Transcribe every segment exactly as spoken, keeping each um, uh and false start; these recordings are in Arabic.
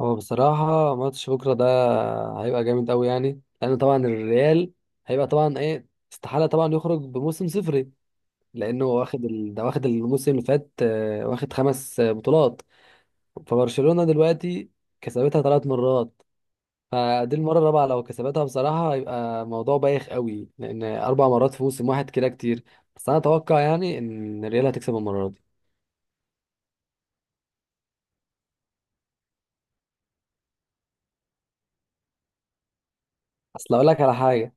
هو بصراحة ماتش بكرة ده هيبقى جامد أوي، يعني لأن طبعا الريال هيبقى طبعا إيه، استحالة طبعا يخرج بموسم صفري لأنه هو واخد ال... ده واخد الموسم اللي فات، آه، واخد خمس آه، بطولات. فبرشلونة دلوقتي كسبتها ثلاث مرات، فدي المرة الرابعة لو كسبتها بصراحة هيبقى موضوع بايخ أوي، لأن أربع مرات في موسم واحد كده كتير. بس أنا أتوقع يعني إن الريال هتكسب المرة دي. أصل أقول لك على حاجة: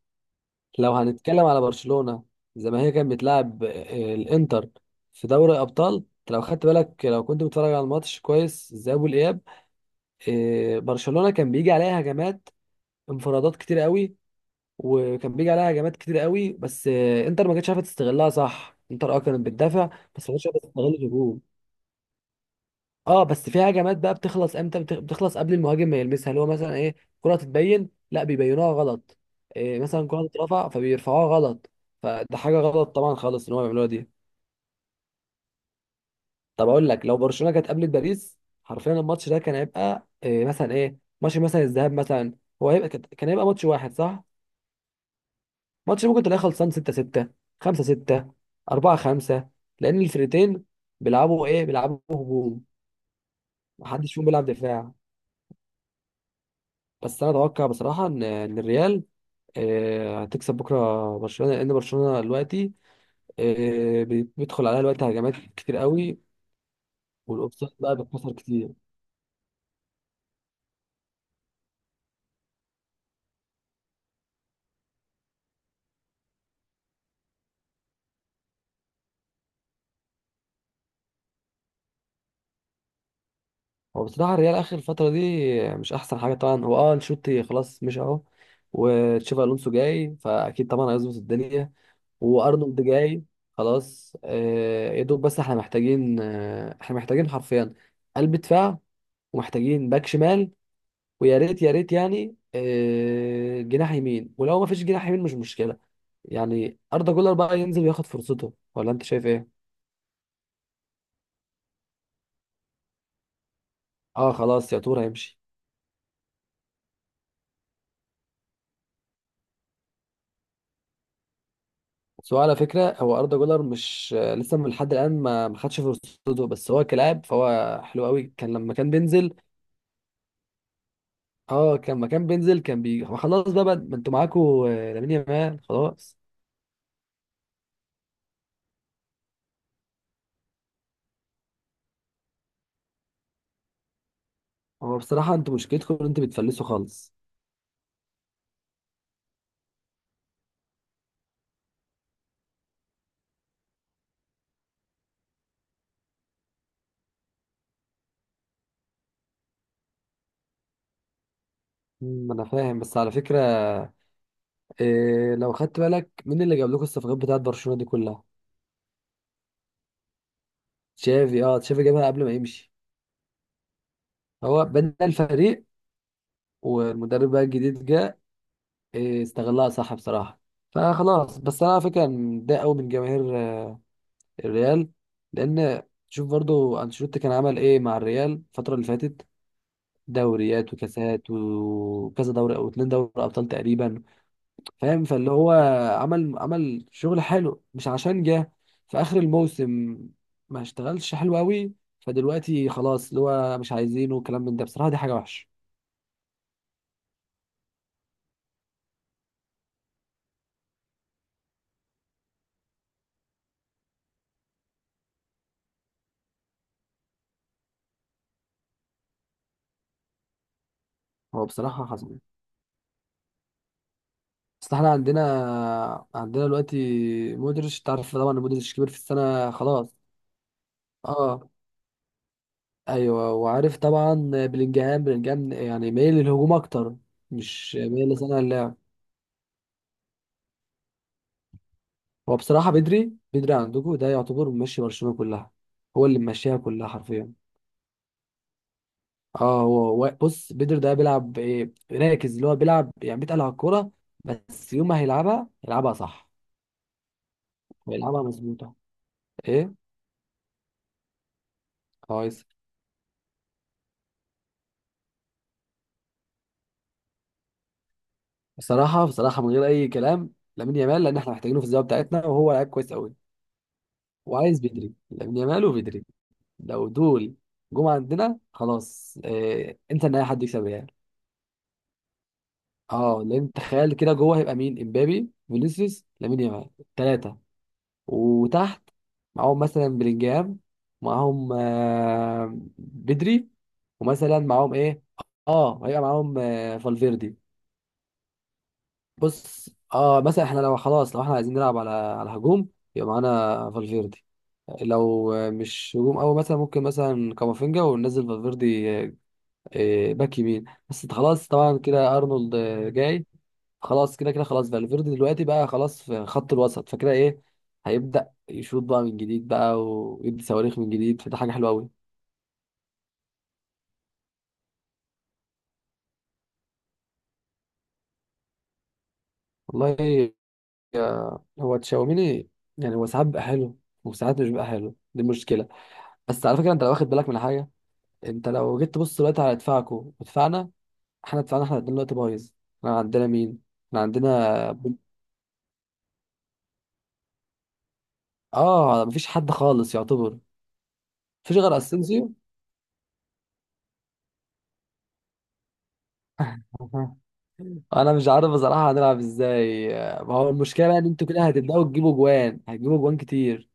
لو هنتكلم على برشلونة زي ما هي كانت بتلعب آه، الانتر في دوري ابطال، لو خدت بالك، لو كنت بتتفرج على الماتش كويس، الذهاب والاياب، آه، برشلونة كان بيجي عليها هجمات، انفرادات كتير قوي، وكان بيجي عليها هجمات كتير قوي، بس آه، انتر ما كانتش عارفه تستغلها صح. انتر اه كانت بتدافع بس ما كانتش عارفه تستغل الهجوم. اه بس في هجمات بقى بتخلص امتى، بتخ- بتخلص قبل المهاجم ما يلمسها، اللي هو مثلا ايه، كرة تتبين لا بيبينوها غلط، إيه مثلا كرة تترفع فبيرفعوها غلط. فده حاجة غلط طبعا خالص ان هم بيعملوها دي. طب اقول لك، لو برشلونة كانت قابلت باريس حرفيا، الماتش ده كان هيبقى إيه مثلا، ايه ماتش مثلا الذهاب مثلا، هو هيبقى كان كان هيبقى ماتش واحد صح. ماتش ممكن تلاقيه خلصان ستة ستة، خمسة ستة، اربعة خمسة، لان الفرقتين بيلعبوا ايه، بيلعبوا هجوم، محدش فيهم بيلعب دفاع. بس انا اتوقع بصراحة ان إن الريال، آه، هتكسب بكره برشلونه، لان برشلونه دلوقتي آه، بيدخل عليها دلوقتي هجمات كتير قوي، والاوفسايد بقى بتخسر كتير. هو بصراحه الريال اخر الفتره دي مش احسن حاجه طبعا. هو اه انشيلوتي خلاص مش اهو، وتشافي الونسو جاي فاكيد طبعا هيظبط الدنيا، وارنولد جاي خلاص، آه، يا دوب. بس احنا محتاجين، آه، احنا محتاجين حرفيا قلب دفاع، ومحتاجين باك شمال، ويا ريت يا ريت يعني آه، جناح يمين، ولو ما فيش جناح يمين مش مشكله، يعني أردا جولر بقى ينزل وياخد فرصته. ولا أنت شايف إيه؟ أه خلاص يا تور هيمشي. بس هو على فكرة، هو أردا جولر مش لسه، من لحد الآن ما ما خدش فرصته، بس هو كلاعب فهو حلو قوي كان لما كان بينزل. أه كان لما كان بينزل كان بي، هو خلاص بقى بقى- ما أنتوا معاكوا آه، لامين يامال خلاص. هو بصراحة أنتوا مشكلتكم إن أنتوا بتفلسوا خالص. أمم، أنا فاهم، بس على فكرة إيه، لو خدت بالك مين اللي جاب لكم الصفقات بتاعت برشلونة دي كلها؟ تشافي. أه تشافي جابها قبل ما يمشي. هو بنى الفريق، والمدرب بقى الجديد جه، إيه، استغلها صح بصراحة. فخلاص. بس انا على فكرة متضايق قوي من جماهير آه، الريال، لان شوف برضو انشيلوتي كان عمل ايه مع الريال الفترة اللي فاتت، دوريات وكاسات وكذا، دوري او اتنين دوري ابطال تقريبا. فاهم، فاللي هو عمل عمل شغل حلو، مش عشان جه في اخر الموسم ما اشتغلش حلو قوي فدلوقتي خلاص اللي هو مش عايزينه والكلام من ده. بصراحة دي حاجة وحشة. هو بصراحة حصل. اصل احنا عندنا عندنا دلوقتي مودريتش، تعرف طبعا إن مودريتش كبير في السنه خلاص. اه ايوه وعارف طبعا. بلينجهام بلينجهام يعني مايل للهجوم اكتر، مش مايل لصانع اللعب. هو بصراحه بدري بدري عندكم ده يعتبر ماشي برشلونه كلها، هو اللي ماشيها كلها حرفيا. اه هو وا- بص، بدري ده بيلعب ايه، راكز، اللي هو بيلعب يعني بيتقل على الكوره، بس يوم ما هيلعبها يلعبها صح ويلعبها مظبوطه. ايه، كويس. بصراحه، بصراحه من غير اي كلام، لامين يامال، لان احنا محتاجينه في الزاويه بتاعتنا، وهو لعيب كويس قوي. وعايز بدري، لامين يامال وبدري، لو دول جم عندنا خلاص. اه انت ان اي حد يكسب يعني. اه لان تخيل كده جوه هيبقى مين، امبابي، فينيسيوس، لامين يامال، ثلاثه، وتحت معاهم مثلا بلينجهام، معاهم آه بدري، ومثلا معاهم ايه، اه هيبقى معاهم آه فالفيردي. بص اه مثلا احنا لو خلاص، لو احنا عايزين نلعب على على هجوم يبقى معانا فالفيردي، لو آه، مش هجوم قوي مثلا، ممكن مثلا كامافينجا، وننزل فالفيردي آه، آه، باك يمين. بس خلاص طبعا كده ارنولد آه، جاي خلاص، كده كده خلاص. فالفيردي دلوقتي بقى خلاص في خط الوسط فكده ايه، هيبدأ يشوط بقى من جديد بقى ويدي صواريخ من جديد، فده حاجة حلوة قوي. والله آه، هو تشاوميني يعني هو ساعات بقى حلو وساعات مش بقى حلو، دي المشكلة. بس على فكرة انت لو واخد بالك من حاجة، انت لو جيت تبص دلوقتي على ادفاعكو ودفعنا، احنا دفعنا، احنا الاتنين دلوقتي بايظ. احنا عندنا مين؟ احنا عندنا بن- اه مفيش حد خالص يعتبر، مفيش غير اسينسيو. أها. انا مش عارف بصراحة هنلعب ازاي. ما هو المشكلة بقى ان انتوا كده هتبدأوا تجيبوا جوان، هتجيبوا جوان كتير.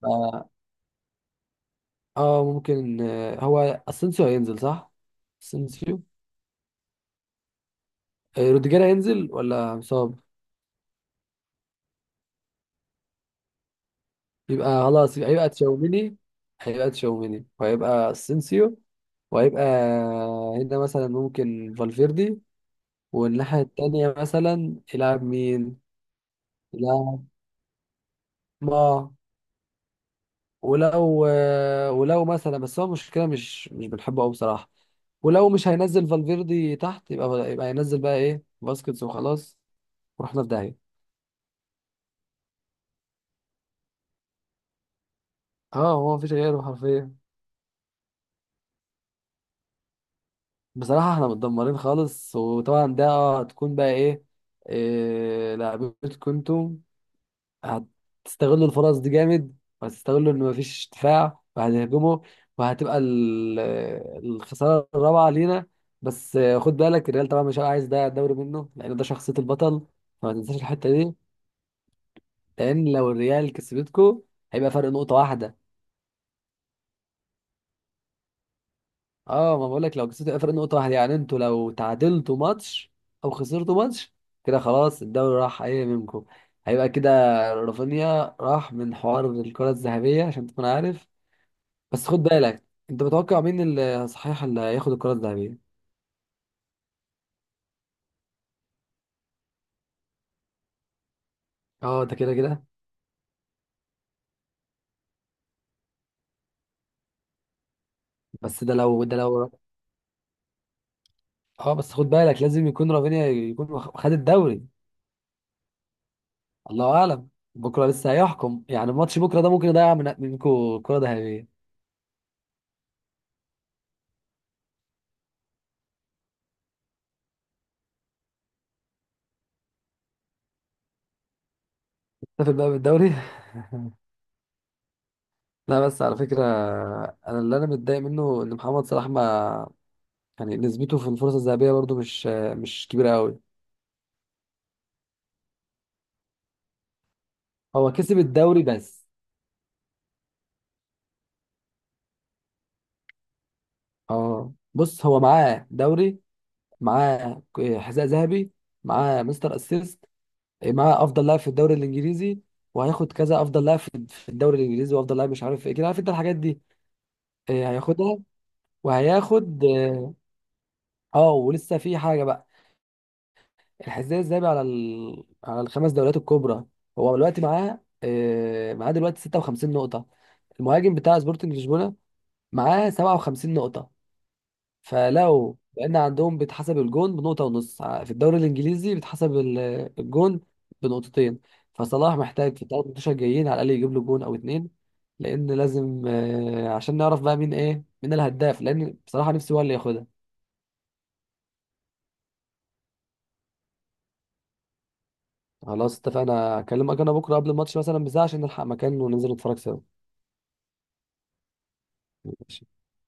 ف- اه ممكن، آه، هو اسينسيو هينزل صح؟ اسينسيو. آه، روديجير هينزل ولا مصاب؟ يبقى خلاص، يبقى هيبقى تشاوميني. هيبقى تشاوميني وهيبقى اسينسيو، وهيبقى هنا مثلا ممكن فالفيردي. والناحية التانية مثلا يلعب مين؟ يلعب، ما، ولو ولو مثلا، بس هو المشكلة مش مش بنحبه أوي بصراحة. ولو مش هينزل فالفيردي تحت يبقى، يبقى هينزل بقى إيه، باسكتس، وخلاص ورحنا في داهية. اه هو مفيش غيره حرفيا. بصراحة احنا متدمرين خالص، وطبعا ده هتكون بقى إيه، إيه لعبتكم انتوا، هتستغلوا الفرص دي جامد، وهتستغلوا ان مفيش دفاع وهتهجموا، وهتبقى ال- الخساره الرابعه لينا. بس خد بالك الريال طبعا مش هيبقى عايز ده الدوري منه، لان ده شخصيه البطل، فما تنساش الحته دي. لان لو الريال كسبتكو هيبقى فرق نقطه واحده. اه ما بقول لك لو كسبتوا هيبقى فرق نقطه واحده، يعني انتوا لو تعادلتوا ماتش او خسرتوا ماتش كده خلاص الدوري راح ايه منكم، هيبقى كده. رافينيا راح من حوار الكرة الذهبية عشان تكون عارف. بس خد بالك، انت متوقع مين اللي صحيح اللي هياخد الكرة الذهبية؟ اه ده كده كده. بس ده لو، ده لو اه بس خد بالك لازم يكون رافينيا يكون واخ- خد الدوري. الله اعلم، بكره لسه هيحكم، يعني ماتش بكره ده ممكن يضيع من منكم الكرة الذهبية. نتفق بقى بالدوري. لا بس على فكرة، أنا اللي أنا متضايق منه إن محمد صلاح ما، يعني نسبته في الفرصة الذهبية برضو مش، مش كبيرة أوي. هو كسب الدوري بس. اه بص، هو معاه دوري، معاه حذاء ذهبي، معاه مستر اسيست، إيه، معاه افضل لاعب في الدوري الانجليزي، وهياخد كذا، افضل لاعب في في الدوري الانجليزي، وافضل لاعب مش عارف ايه، كده عارف انت الحاجات دي. إيه، هياخدها، وهياخد اه آه، ولسه في حاجه بقى. الحذاء الذهبي على ال... على الخمس دوريات الكبرى، هو دلوقتي معاه، آه، معاه دلوقتي ستة وخمسين نقطه. المهاجم بتاع سبورتنج لشبونه معاه سبعة وخمسين نقطه. فلو، لان عندهم بيتحسب الجون بنقطه ونص، ع- في الدوري الانجليزي بيتحسب ال- الجون بنقطتين. فصلاح محتاج في الثلاث ماتشات الجايين على الاقل يجيب له جون او اتنين، لان لازم آه، عشان نعرف بقى مين ايه، مين الهداف، لان بصراحه نفسي هو اللي ياخدها. خلاص اتفقنا، اكلمك انا بكره قبل الماتش مثلا بساعه عشان نلحق مكان وننزل نتفرج سوا.